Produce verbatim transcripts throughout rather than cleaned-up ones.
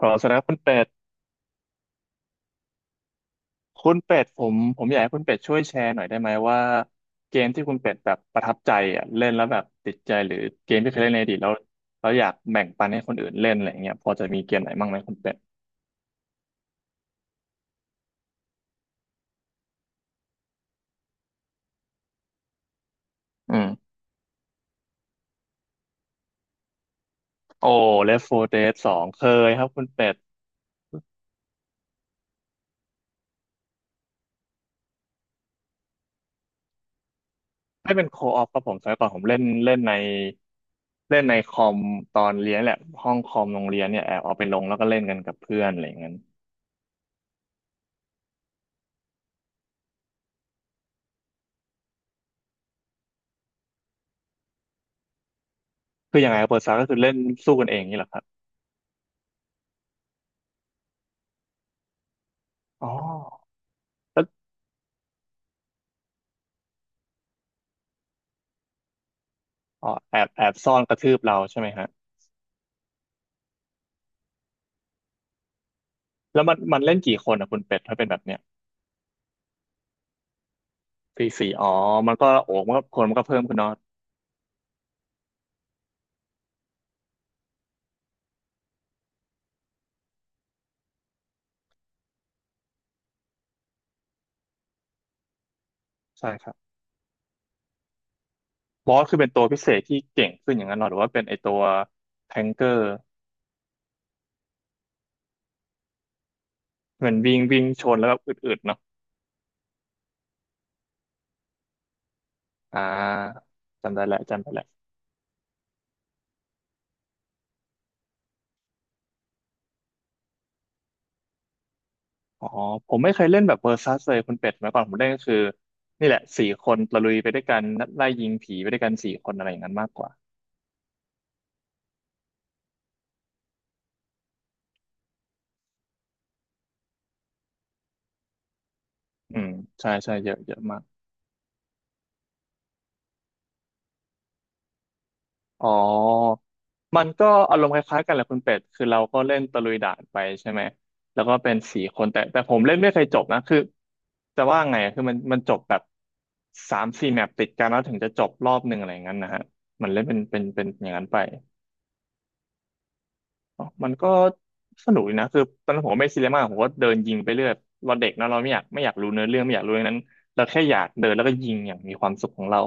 ขอแสดงคุณเป็ดคุณเป็ดผมผมอยากให้คุณเป็ดช่วยแชร์หน่อยได้ไหมว่าเกมที่คุณเป็ดแบบประทับใจอ่ะเล่นแล้วแบบติดใจหรือเกมที่เคยเล่นในอดีตแล้วแล้วอยากแบ่งปันให้คนอื่นเล่นอะไรอย่างเงี้ยพอจะมีเกมไหนบ้างไหมคุณเป็ดอืมโอ้ Left โฟ Dead สองเคยครับคุณเป็ดไม่เป็นโคออฟครับผมสมัยก่อนผมเล่นเล่นในเล่นในคอมตอนเรียนแหละห้องคอมโรงเรียนเนี่ยแอบเอาไปลงแล้วก็เล่นกันกับเพื่อนอะไรอย่างเงี้ยคือยังไงครับเปิดซาก็คือเล่นสู้กันเองนี่แหละครับอ๋อ อ๋อแอบแอบซ่อนกระทืบเราใช่ไหมฮะแล้วมันมันเล่นกี่คนอ่ะคุณเป็ดถ้าเป็นแบบเนี้ยสี่สี่อ๋อมันก็โอ้มันก็คนมันก็เพิ่มขึ้นเนาะใช่ครับบอสคือเป็นตัวพิเศษที่เก่งขึ้นอย่างนั้นเหรอหรือว่าเป็นไอตัวแทงเกอร์มันวิ่งวิ่งชนแล้วแบบอึดๆเนาะอ่าจำได้แล้วจำได้แล้วอ๋อผมไม่เคยเล่นแบบเวอร์ซัสเลยคุณเป็ดมาก่อนผมเล่นก็คือนี่แหละสี่คนตะลุยไปด้วยกันไล่ยิงผีไปด้วยกันสี่คนอะไรอย่างนั้นมากกว่าอืมใช่ใช่เยอะเยอะมาก อ๋อมันก็อารมณ์คล้ายๆกันแหละคุณเป็ดคือเราก็เล่นตะลุยด่านไปใช่ไหมแล้วก็เป็นสี่คนแต่แต่ผมเล่นไม่เคยจบนะคือจะว่าไงอะคือมันมันจบแบบสามสี่แมปติดกันแล้วถึงจะจบรอบหนึ่งอะไรอย่างนั้นนะฮะมันเล่นเป็นเป็นเป็นอย่างนั้นไปอ๋อมันก็สนุกดีนะคือตอนนั้นผมก็ไม่ซีเรียสมากผมก็เดินยิงไปเรื่อยเราเด็กเนอะเราไม่อยากไม่อยากรู้เนื้อเรื่องไม่อยากรู้อย่างนั้นเราแค่อยากเดินแล้วก็ยิงอย่างมีความสุขของเรา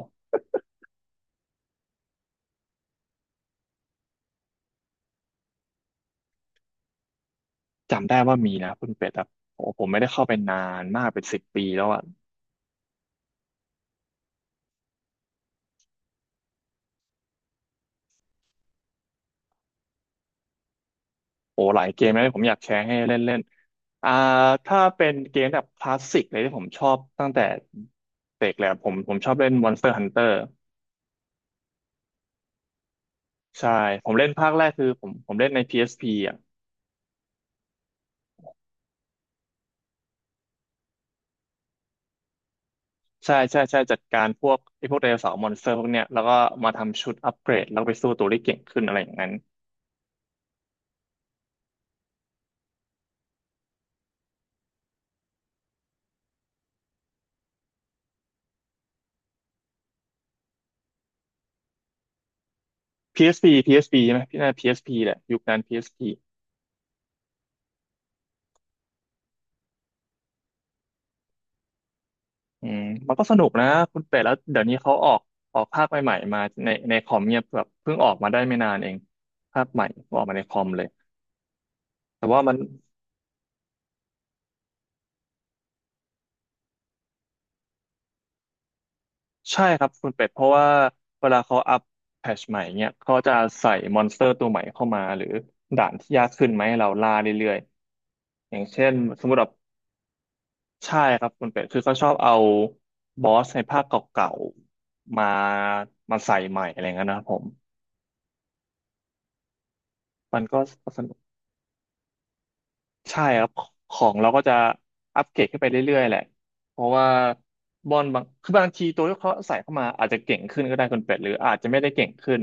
จำได้ว่ามีนะคุณเป็ดครับโอ้ผมไม่ได้เข้าไปนานมากเป็นสิบปีแล้วอะ โอ้หลายเกมนะที่ผมอยากแชร์ให้เล่นเล่นอ่าถ้าเป็นเกมแบบคลาสสิกเลยที่ผมชอบตั้งแต่เด็กแล้วผมผมชอบเล่น Monster Hunter ใช่ผมเล่นภาคแรกคือผมผมเล่นใน พี เอส พี อสพีอ่ะใช่ใช่ใช่จัดการพวกไอ้พวกไดโนเสาร์มอนสเตอร์พวกเนี้ยแล้วก็มาทำชุดอัปเกรดแล้วไปสู้ตัวได้เก่งขึ้นอะไรอย่างนั้น พี เอส พี พี เอส พี ใช่ไหมพี่น่า PSP แหละยุคนั้น พี เอส พี อืมมันก็สนุกนะคุณเป็ดแล้วเดี๋ยวนี้เขาออกออกภาคใหม่ๆมาในในคอมเนี่ยแบบเพิ่งออกมาได้ไม่นานเองภาคใหม่ออกมาในคอมเลยแต่ว่ามันใช่ครับคุณเป็ดเพราะว่าเวลาเขาอัปแพทชใหม่เนี่ยเขาจะใส่มอนสเตอร์ตัวใหม่เข้ามาหรือด่านที่ยากขึ้นไหมาให้เราล่าเรื่อยๆอย่างเช่นสมมติแบบใช่ครับคุณเป็ดคือเขาชอบเอาบอสในภาคเก่าๆมามาใส่ใหม่อะไรเงี้ยนะครับผมมันก็ ใช่ครับของเราก็จะอัปเกรดขึ้นไปเรื่อยๆแหละเพราะว่าบอลบางคือบางทีตัวที่เขาใส่เข้ามาอาจจะเก่งขึ้นก็ได้คุณเป็ดหรืออาจจะไม่ได้เก่งขึ้น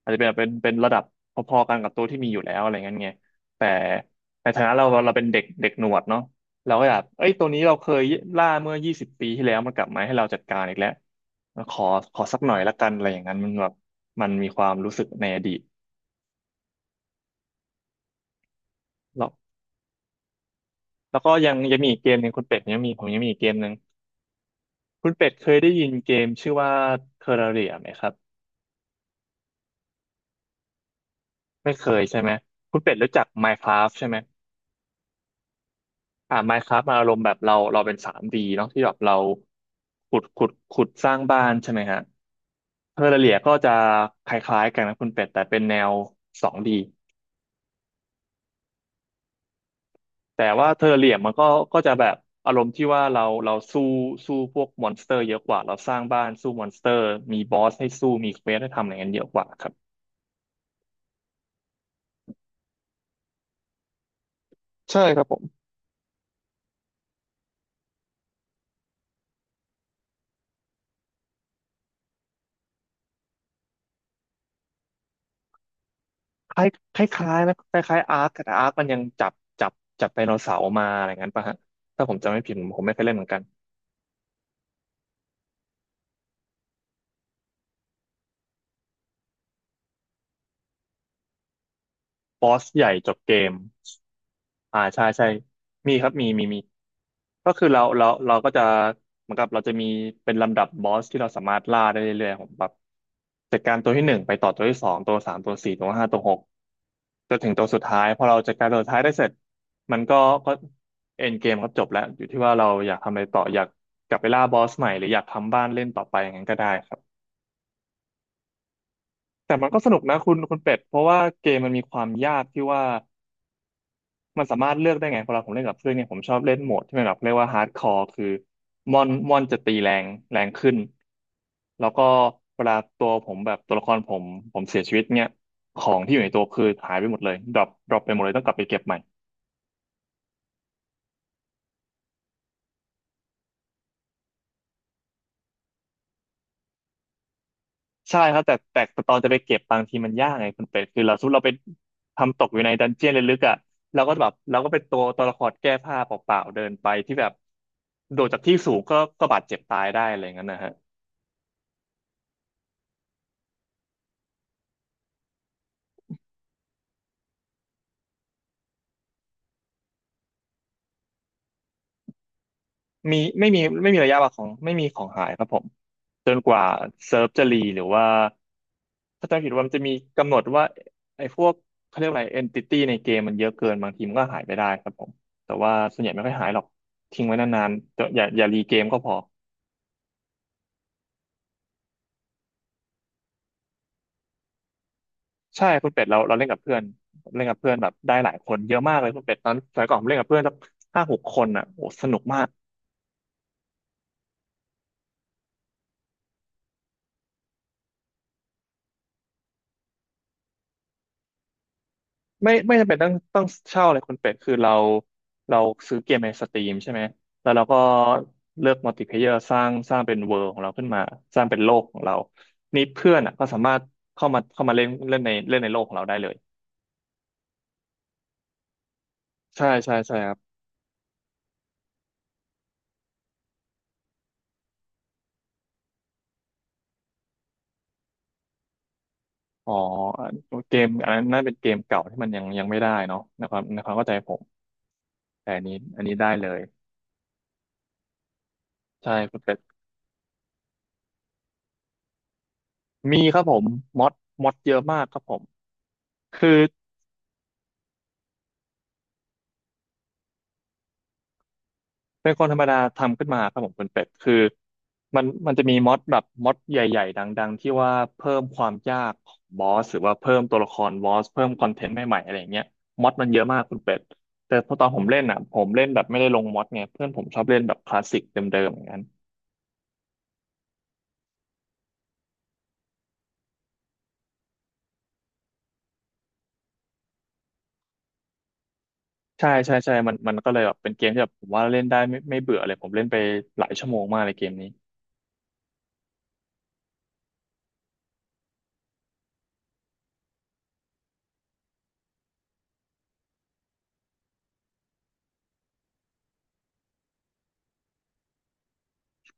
อาจจะเป็นเป็นเป็นระดับพอๆกันกับตัวที่มีอยู่แล้วอะไรเงี้ยไงแต่ในฐานะเราเราเป็นเด็กเด็กหนวดเนาะเราก็อยากเอ้ยตัวนี้เราเคยล่าเมื่อยี่สิบปีที่แล้วมันกลับมาให้เราจัดการอีกแล้วขอขอสักหน่อยละกันอะไรอย่างนั้นมันแบบมันมีความรู้สึกในอดีตแล้วแล้วก็ยังยังมีอีกเกมหนึ่งคุณเป็ดยังมีผมยังมีอีกเกมหนึ่ง คุณเป็ดเคยได้ยินเกมชื่อว่า Terraria ไหมครับไม่เคยใช่ไหมคุณเป็ดรู้จัก Minecraft ใช่ไหมอ่า Minecraft มาอารมณ์แบบเราเราเป็น สามดี เนาะที่แบบเราขุดขุดขุดสร้างบ้านใช่ไหมฮะ Terraria ก็จะคล้ายๆกันนะคุณเป็ดแต่เป็นแนว2ีแต่ว่า Terraria มันก็ก็จะแบบอารมณ์ที่ว่าเราเราสู้สู้พวกมอนสเตอร์เยอะกว่าเราสร้างบ้านสู้มอนสเตอร์มีบอสให้สู้มีเควสให้ทำอะไรเงี้ยเยอะกว่าครับใช่ครับผม คล้ายคล้ายคล้ายๆนะคล้ายคล้ายอาร์คแต่อาร์คมันยังจับจับจับไดโนเสาร์มาอะไรงั้นป่ะฮะถ้าผมจำไม่ผิดผมผมไม่เคยเล่นเหมือนกันบอสใหญ่จบเกมอ่าใช่ใช่มีครับมีมีมีก็คือเราเราเราก็จะเหมือนกับเราจะมีเป็นลำดับบอสที่เราสามารถล่าได้เรื่อยๆผมแบบจัดการตัวที่หนึ่งไปต่อตัวที่สองตัวสามตัวสี่ตัวห้าตัวหก จนถึงตัวสุดท้ายพอเราจัดการตัวสุดท้ายได้เสร็จมันก็ก็เอ็นเกมก็จบแล้วอยู่ที่ว่าเราอยากทำอะไรต่ออยากกลับไปล่าบอสใหม่หรืออยากทำบ้านเล่นต่อไปอย่างนั้นก็ได้ครับแต่มันก็สนุกนะคุณคุณเป็ดเพราะว่าเกมมันมีความยากที่ว่ามันสามารถเลือกได้ไงพอเราผมเล่นกับเพื่อนเนี่ยผมชอบเล่นโหมดที่มันแบบเรียกว่าฮาร์ดคอร์คือมอนมอนจะตีแรงแรงขึ้นแล้วก็เวลาตัวผมแบบตัวละครผมผมเสียชีวิตเนี่ยของที่อยู่ในตัวคือหายไปหมดเลยดรอปดรอปไปหมดเลยต้องกลับไปเก็บใหม่ ใช่ครับแต่แต่แต่ตอนจะไปเก็บบางทีมันยากไงคุณเป็ดคือเราสมมติเราไปทำตกอยู่ในดันเจียนลึกๆอ่ะเราก็แบบเราก็เป็นตัวตัวละครแก้ผ้าเปล่าๆเดินไปที่แบบโดดจากที่สูงก็ก็บาดเจ็บตายได้อะไรอย่างนั้นนะฮะมีไม่มีไม่มีระยะวางของไม่มีของหายครับผมจนกว่าเซิร์ฟจะรีหรือว่าถ้าจำผิดว่ามันจะมีกำหนดว่าไอ้พวกเขาเรียกอะไรเอนติตี้ในเกมมันเยอะเกินบางทีมันก็หายไปได้ครับผมแต่ว่าส่วนใหญ่ไม่ค่อยหายหรอกทิ้งไว้นานๆจะอย่าอย่ารีเกมก็พอ ใช่คุณเป็ดเราเราเล่นกับเพื่อนเล่นกับเพื่อนแบบได้หลายคนเยอะมากเลยคุณเป็ดตอนสมัยก่อนผมเล่นกับเพื่อนสักห้าหกคนอ่ะโอ้สนุกมากไม่ไม่จำเป็นต้องต้องเช่าเลยคุณเป็ดคือเราเราซื้อเกมในสตรีมใช่ไหมแล้วเราก็เลือกมัลติเพลเยอร์สร้างสร้างเป็นเวิลด์ของเราขึ้นมาสร้างเป็นโลกของเรานี่เพื่อนอ่ะก็สามารถเข้ามาเข้ามาเล่นเล่นในเล่นในโลกของเราได้เลยใช่ใช่ใช่ครับอ๋อเกมอันนั้นน่าเป็นเกมเก่าที่มันยังยังไม่ได้เนาะนะครับในความเข้าใจผมแต่อันนี้อันนี้ได้เลยใช่คุณเป็ด มีครับผมมอดมอดเยอะมากครับผมคือเป็นคนธรรมดาทำขึ้นมาครับผมคุณเป็ดคือมันมันจะมีมอดแบบมอดใหญ่ๆดังๆที่ว่าเพิ่มความยากของบอสหรือว่าเพิ่มตัวละครบอสเพิ่มคอนเทนต์ใหม่ๆอะไรอย่างเงี้ยมอดมันเยอะมากคุณเป็ดแต่พอตอนผมเล่นอ่ะผมเล่นแบบไม่ได้ลงมอดไงเพื่อนผมชอบเล่นแบบคลาสสิกเดิมๆอย่างนั้นใช่ใช่ใช่มันมันก็เลยแบบเป็นเกมที่แบบผมว่าเล่นได้ไม่ไม่เบื่อเลยผมเล่นไปหลายชั่วโมงมากเลยเกมนี้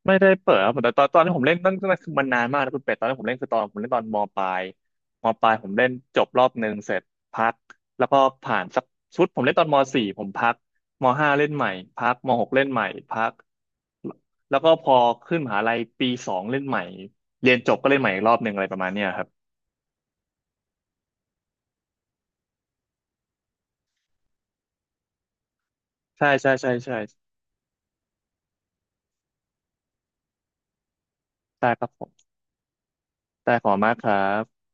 ไม่ได้เปิดครับแต่ตอนตอนที่ผมเล่นนั่นนั่นคือมันนานมากนะคุณเป็ดตอนที่ผมเล่นคือตอนผมเล่นตอนมปลายมปลายผมเล่นจบรอบหนึ่งเสร็จพักแล้วก็ผ่านสักชุดผมเล่นตอนมสี่ผมพักมห้าเล่นใหม่พักมหกเล่นใหม่พักแล้วก็พอขึ้นมหาลัยปีสองเล่นใหม่เรียนจบก็เล่นใหม่อีกรอบหนึ่งอะไรประมาณเนี้ยครับใช่ใช่ใช่ใช่ใช่ครับผมได้ขอบคุณมากครับ